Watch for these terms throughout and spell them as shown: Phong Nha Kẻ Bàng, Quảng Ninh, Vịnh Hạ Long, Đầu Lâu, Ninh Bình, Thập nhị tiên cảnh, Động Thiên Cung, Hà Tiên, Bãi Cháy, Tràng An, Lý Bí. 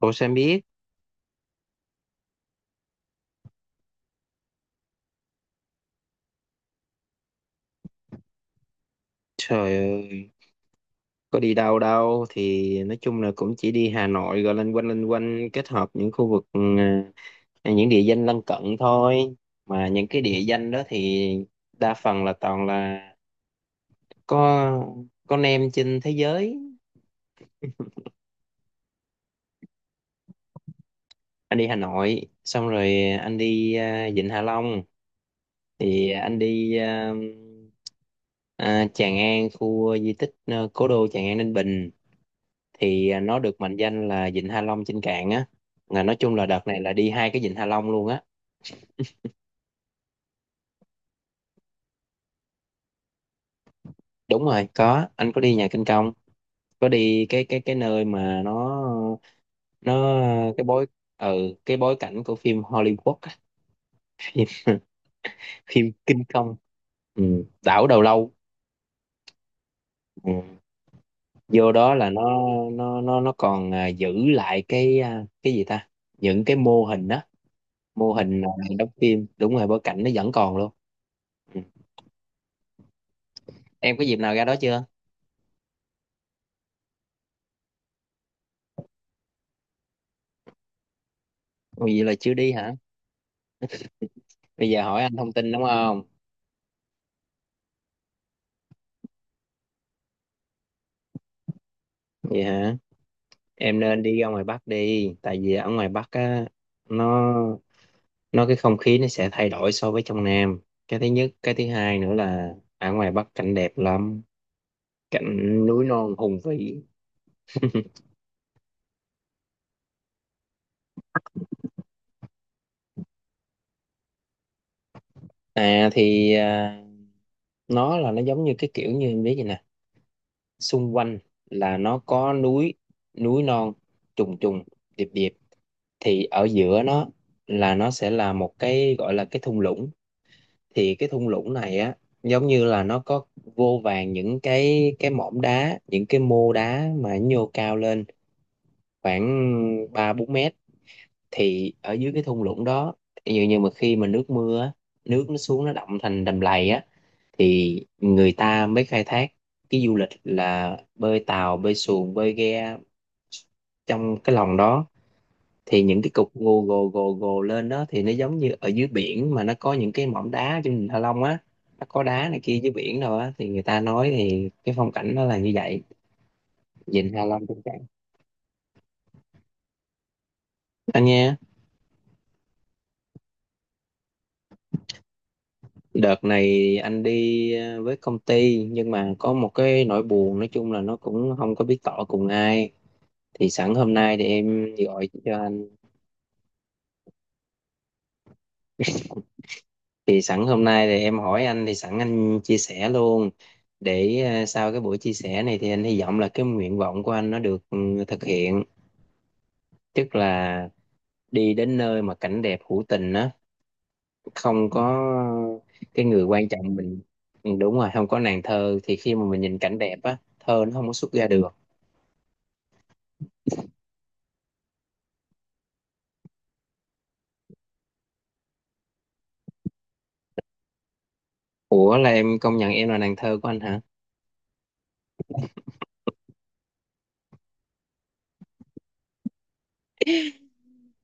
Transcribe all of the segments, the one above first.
Ủa sao em biết? Trời ơi, có đi đâu đâu, thì nói chung là cũng chỉ đi Hà Nội rồi loanh quanh kết hợp những khu vực những địa danh lân cận thôi. Mà những cái địa danh đó thì đa phần là toàn là có con em trên thế giới. Anh đi Hà Nội, xong rồi anh đi Vịnh Hạ Long, thì anh đi Tràng An, khu di tích, cố đô Tràng An Ninh Bình, thì nó được mệnh danh là vịnh Hạ Long trên cạn á, là nói chung là đợt này là đi hai cái vịnh Hạ Long luôn á. Đúng rồi, có, anh có đi nhà Kinh Công, có đi cái nơi mà nó cái bối cái bối cảnh của phim Hollywood á. Phim Kinh Công, đảo Đầu Lâu ừ. Vô đó là nó còn giữ lại cái, cái gì ta, những cái mô hình á, mô hình đóng phim, đúng rồi, bối cảnh nó vẫn còn luôn ừ. Em có dịp nào ra đó chưa? Ồ, vậy là chưa đi hả? Bây giờ hỏi anh thông tin đúng không? Vậy hả? Em nên đi ra ngoài Bắc đi, tại vì ở ngoài Bắc á, nó nó cái không khí nó sẽ thay đổi so với trong Nam. Cái thứ nhất, cái thứ hai nữa là ở ngoài Bắc cảnh đẹp lắm, cảnh núi non hùng vĩ. À, thì nó là nó giống như cái kiểu như em biết vậy nè, xung quanh là nó có núi, núi non trùng trùng điệp điệp, thì ở giữa nó là nó sẽ là một cái gọi là cái thung lũng. Thì cái thung lũng này á, giống như là nó có vô vàn những cái mỏm đá, những cái mô đá mà nhô cao lên khoảng ba bốn mét. Thì ở dưới cái thung lũng đó, ví dụ như mà khi mà nước mưa á, nước nó xuống nó đọng thành đầm lầy á, thì người ta mới khai thác cái du lịch, là bơi tàu bơi xuồng bơi ghe trong cái lòng đó. Thì những cái cục gồ gồ gồ gồ lên đó, thì nó giống như ở dưới biển mà nó có những cái mỏm đá trên Vịnh Hạ Long á, nó có đá này kia dưới biển rồi á, thì người ta nói thì cái phong cảnh nó là như vậy, Vịnh Hạ Long trong cảnh, anh nha. Đợt này anh đi với công ty, nhưng mà có một cái nỗi buồn, nói chung là nó cũng không có biết tỏ cùng ai, thì sẵn hôm nay thì em gọi cho. Thì sẵn hôm nay thì em hỏi anh, thì sẵn anh chia sẻ luôn, để sau cái buổi chia sẻ này thì anh hy vọng là cái nguyện vọng của anh nó được thực hiện, tức là đi đến nơi mà cảnh đẹp hữu tình á, không có cái người quan trọng mình. Ừ, đúng rồi, không có nàng thơ thì khi mà mình nhìn cảnh đẹp á, thơ nó không có xuất ra được. Ủa, là em công nhận em là nàng thơ của anh hả?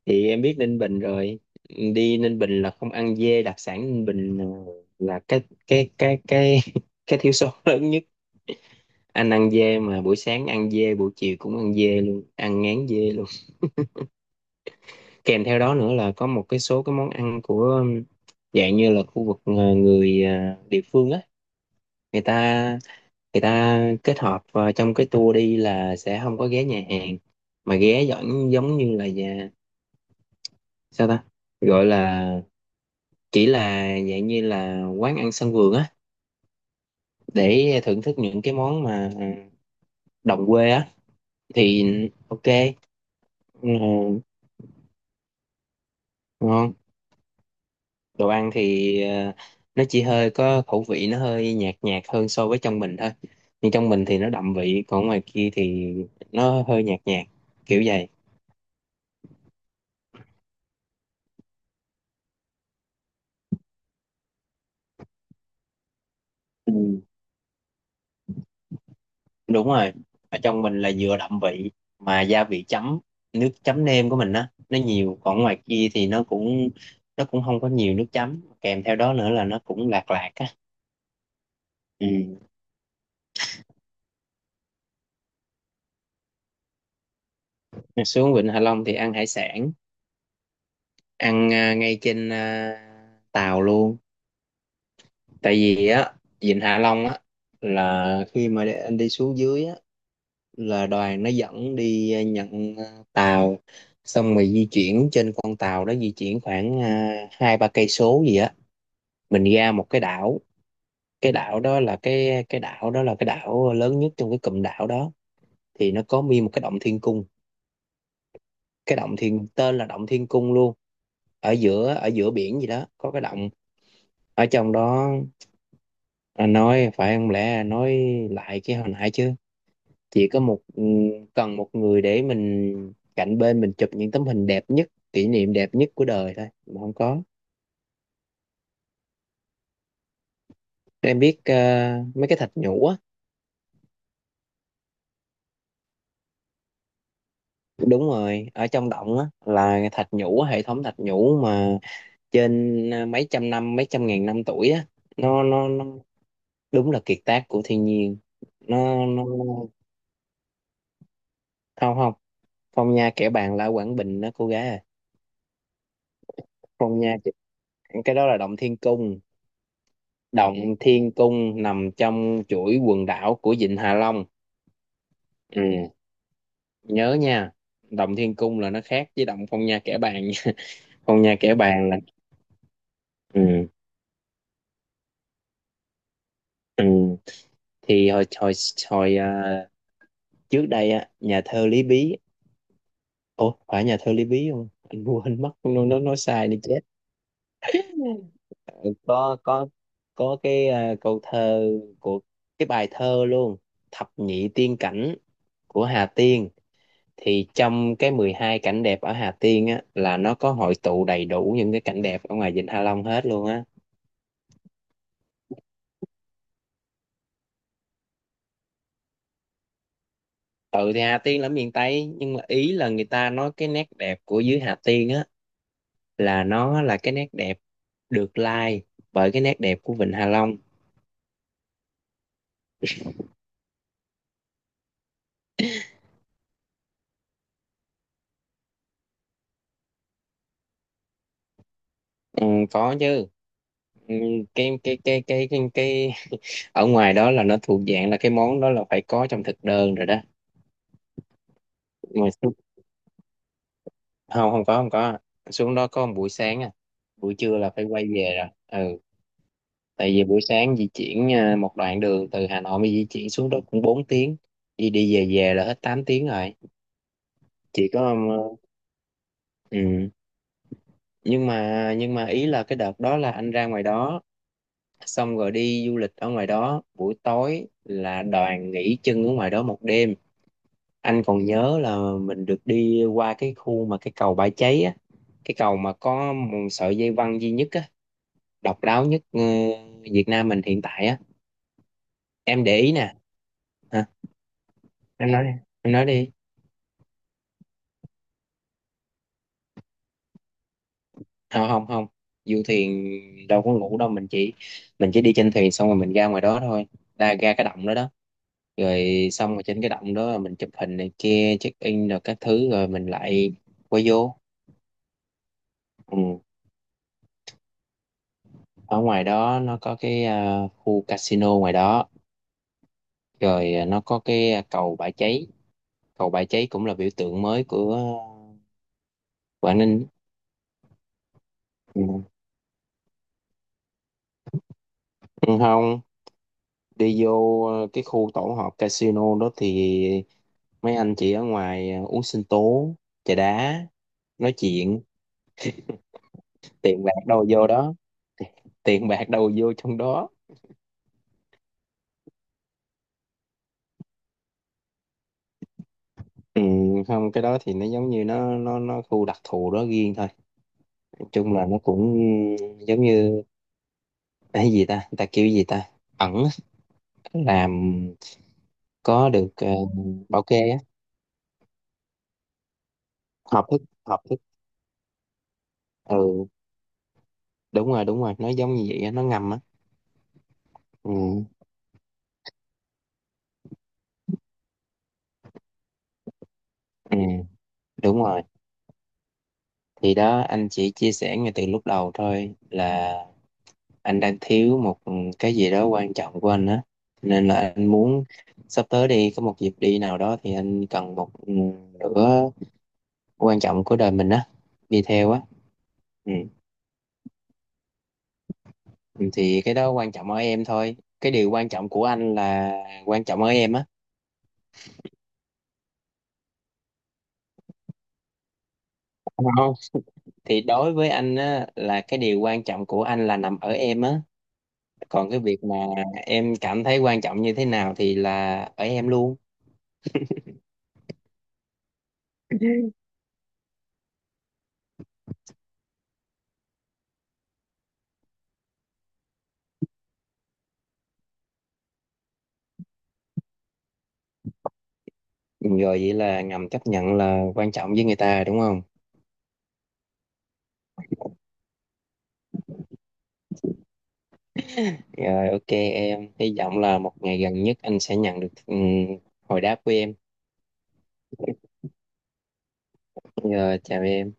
Thì em biết Ninh Bình rồi, đi Ninh Bình là không ăn dê đặc sản Ninh Bình là cái cái thiếu sót lớn nhất. Anh ăn dê mà buổi sáng ăn dê, buổi chiều cũng ăn dê luôn, ăn ngán dê luôn. Kèm theo đó nữa là có một cái số cái món ăn của, dạng như là khu vực, người, địa phương á. Người ta người ta kết hợp vào trong cái tour đi là sẽ không có ghé nhà hàng, mà ghé giống giống như là nhà, sao ta gọi là, chỉ là dạng như là quán ăn sân vườn á, để thưởng thức những cái món mà đồng quê á. Thì ok, ừ, ngon. Đồ ăn thì, nó chỉ hơi có khẩu vị, nó hơi nhạt nhạt hơn so với trong mình thôi, nhưng trong mình thì nó đậm vị, còn ngoài kia thì nó hơi nhạt nhạt, kiểu vậy. Ừ, đúng rồi, ở trong mình là vừa đậm vị, mà gia vị chấm, nước chấm nêm của mình á, nó nhiều, còn ngoài kia thì nó cũng, không có nhiều nước chấm, kèm theo đó nữa là nó cũng lạc lạc á ừ. Xuống Vịnh Hạ Long thì ăn hải sản, ăn ngay trên tàu luôn. Tại vì á, Vịnh Hạ Long á, là khi mà để anh đi xuống dưới á, là đoàn nó dẫn đi nhận tàu, xong rồi di chuyển trên con tàu đó, di chuyển khoảng hai ba cây số gì á, mình ra một cái đảo. Cái đảo đó là cái đảo đó là cái đảo lớn nhất trong cái cụm đảo đó, thì nó có nguyên một cái động thiên cung, cái động thiên tên là động thiên cung luôn, ở giữa biển gì đó có cái động ở trong đó. Anh nói phải không lẽ nói lại cái hồi nãy chứ, chỉ có một ừ, cần một người để mình cạnh bên mình chụp những tấm hình đẹp nhất, kỷ niệm đẹp nhất của đời thôi, mà không có. Em biết mấy cái thạch nhũ á. Đúng rồi, ở trong động á là thạch nhũ hệ thống thạch nhũ mà trên, mấy trăm ngàn năm tuổi á, nó đúng là kiệt tác của thiên nhiên. nó nó nó- Không, không, phong nha kẻ bàn la Quảng Bình đó cô gái à, phong nha cái đó là động thiên cung. Động Thiên Cung nằm trong chuỗi quần đảo của Vịnh Hạ Long. Ừ, nhớ nha. Động Thiên Cung là nó khác với Động Phong Nha Kẻ Bàng nha. Phong Nha Kẻ Bàng là ừ, ừ. Thì hồi hồi hồi à, trước đây á, nhà thơ Lý Bí. Ủa, phải nhà thơ Lý Bí không? Anh quên mất, nó nói sai đi chết. Ừ, có cái, câu thơ, của cái bài thơ luôn, Thập nhị tiên cảnh của Hà Tiên. Thì trong cái 12 cảnh đẹp ở Hà Tiên á, là nó có hội tụ đầy đủ những cái cảnh đẹp ở ngoài Vịnh Hạ Long hết luôn á. Ừ, thì Hà Tiên là ở miền Tây, nhưng mà ý là người ta nói cái nét đẹp của dưới Hà Tiên á, là nó là cái nét đẹp được lai bởi cái nét đẹp của Vịnh Hạ Long. Ừ, có chứ. Ừ, cái, cái cái cái cái cái ở ngoài đó là nó thuộc dạng là cái món đó là phải có trong thực đơn rồi đó. mà xuống- Không, không có, không có, xuống đó có một buổi sáng, buổi trưa là phải quay về rồi, ừ tại vì buổi sáng di chuyển, một đoạn đường từ Hà Nội mà di chuyển xuống đó cũng 4 tiếng, đi đi về về là hết 8 tiếng rồi. Chỉ có ừ. Nhưng mà ý là cái đợt đó là anh ra ngoài đó, xong rồi đi du lịch ở ngoài đó, buổi tối là đoàn nghỉ chân ở ngoài đó một đêm. Anh còn nhớ là mình được đi qua cái khu mà cái cầu Bãi Cháy á, cái cầu mà có một sợi dây văng duy nhất á, độc đáo nhất Việt Nam mình hiện tại á. Em để ý nè. Hả? Em nói đi, em nói đi. Không, không, không, du thuyền đâu có ngủ đâu, mình chỉ đi trên thuyền, xong rồi mình ra ngoài đó thôi, ra ra cái động đó đó, rồi xong rồi trên cái động đó mình chụp hình này kia, check in rồi các thứ, rồi mình lại quay vô ừ. Ở ngoài đó nó có cái, khu casino ngoài đó, rồi nó có cái, cầu bãi cháy, cầu bãi cháy cũng là biểu tượng mới của Quảng Ninh ừ. Không, đi vô cái khu tổ hợp casino đó thì mấy anh chị ở ngoài uống sinh tố, trà đá, nói chuyện. Tiền bạc đâu vô đó, tiền bạc đâu vô trong đó. Ừ, không, cái đó thì nó giống như, nó khu đặc thù đó riêng thôi, nói chung là nó cũng giống như, cái gì ta, người ta kêu gì ta, ẩn á, làm, có được bảo kê á, hợp thức hợp thức. Ừ, đúng rồi, đúng rồi, nó giống như vậy á, nó ngầm á. Ừ, ừ, đúng rồi. Thì đó, anh chỉ chia sẻ ngay từ lúc đầu thôi, là anh đang thiếu một cái gì đó quan trọng của anh á, nên là anh muốn sắp tới đi có một dịp đi nào đó thì anh cần một, nửa quan trọng của đời mình á, đi theo á ừ. Ừ, thì cái đó quan trọng ở em thôi, cái điều quan trọng của anh là quan trọng ở em á. Không. Thì đối với anh á là cái điều quan trọng của anh là nằm ở em á, còn cái việc mà em cảm thấy quan trọng như thế nào thì là ở em luôn. Ừ, rồi vậy là ngầm chấp nhận là quan trọng với người ta đúng không? Rồi, ok em. Hy vọng là một ngày gần nhất anh sẽ nhận được hồi đáp của em. Rồi, chào em.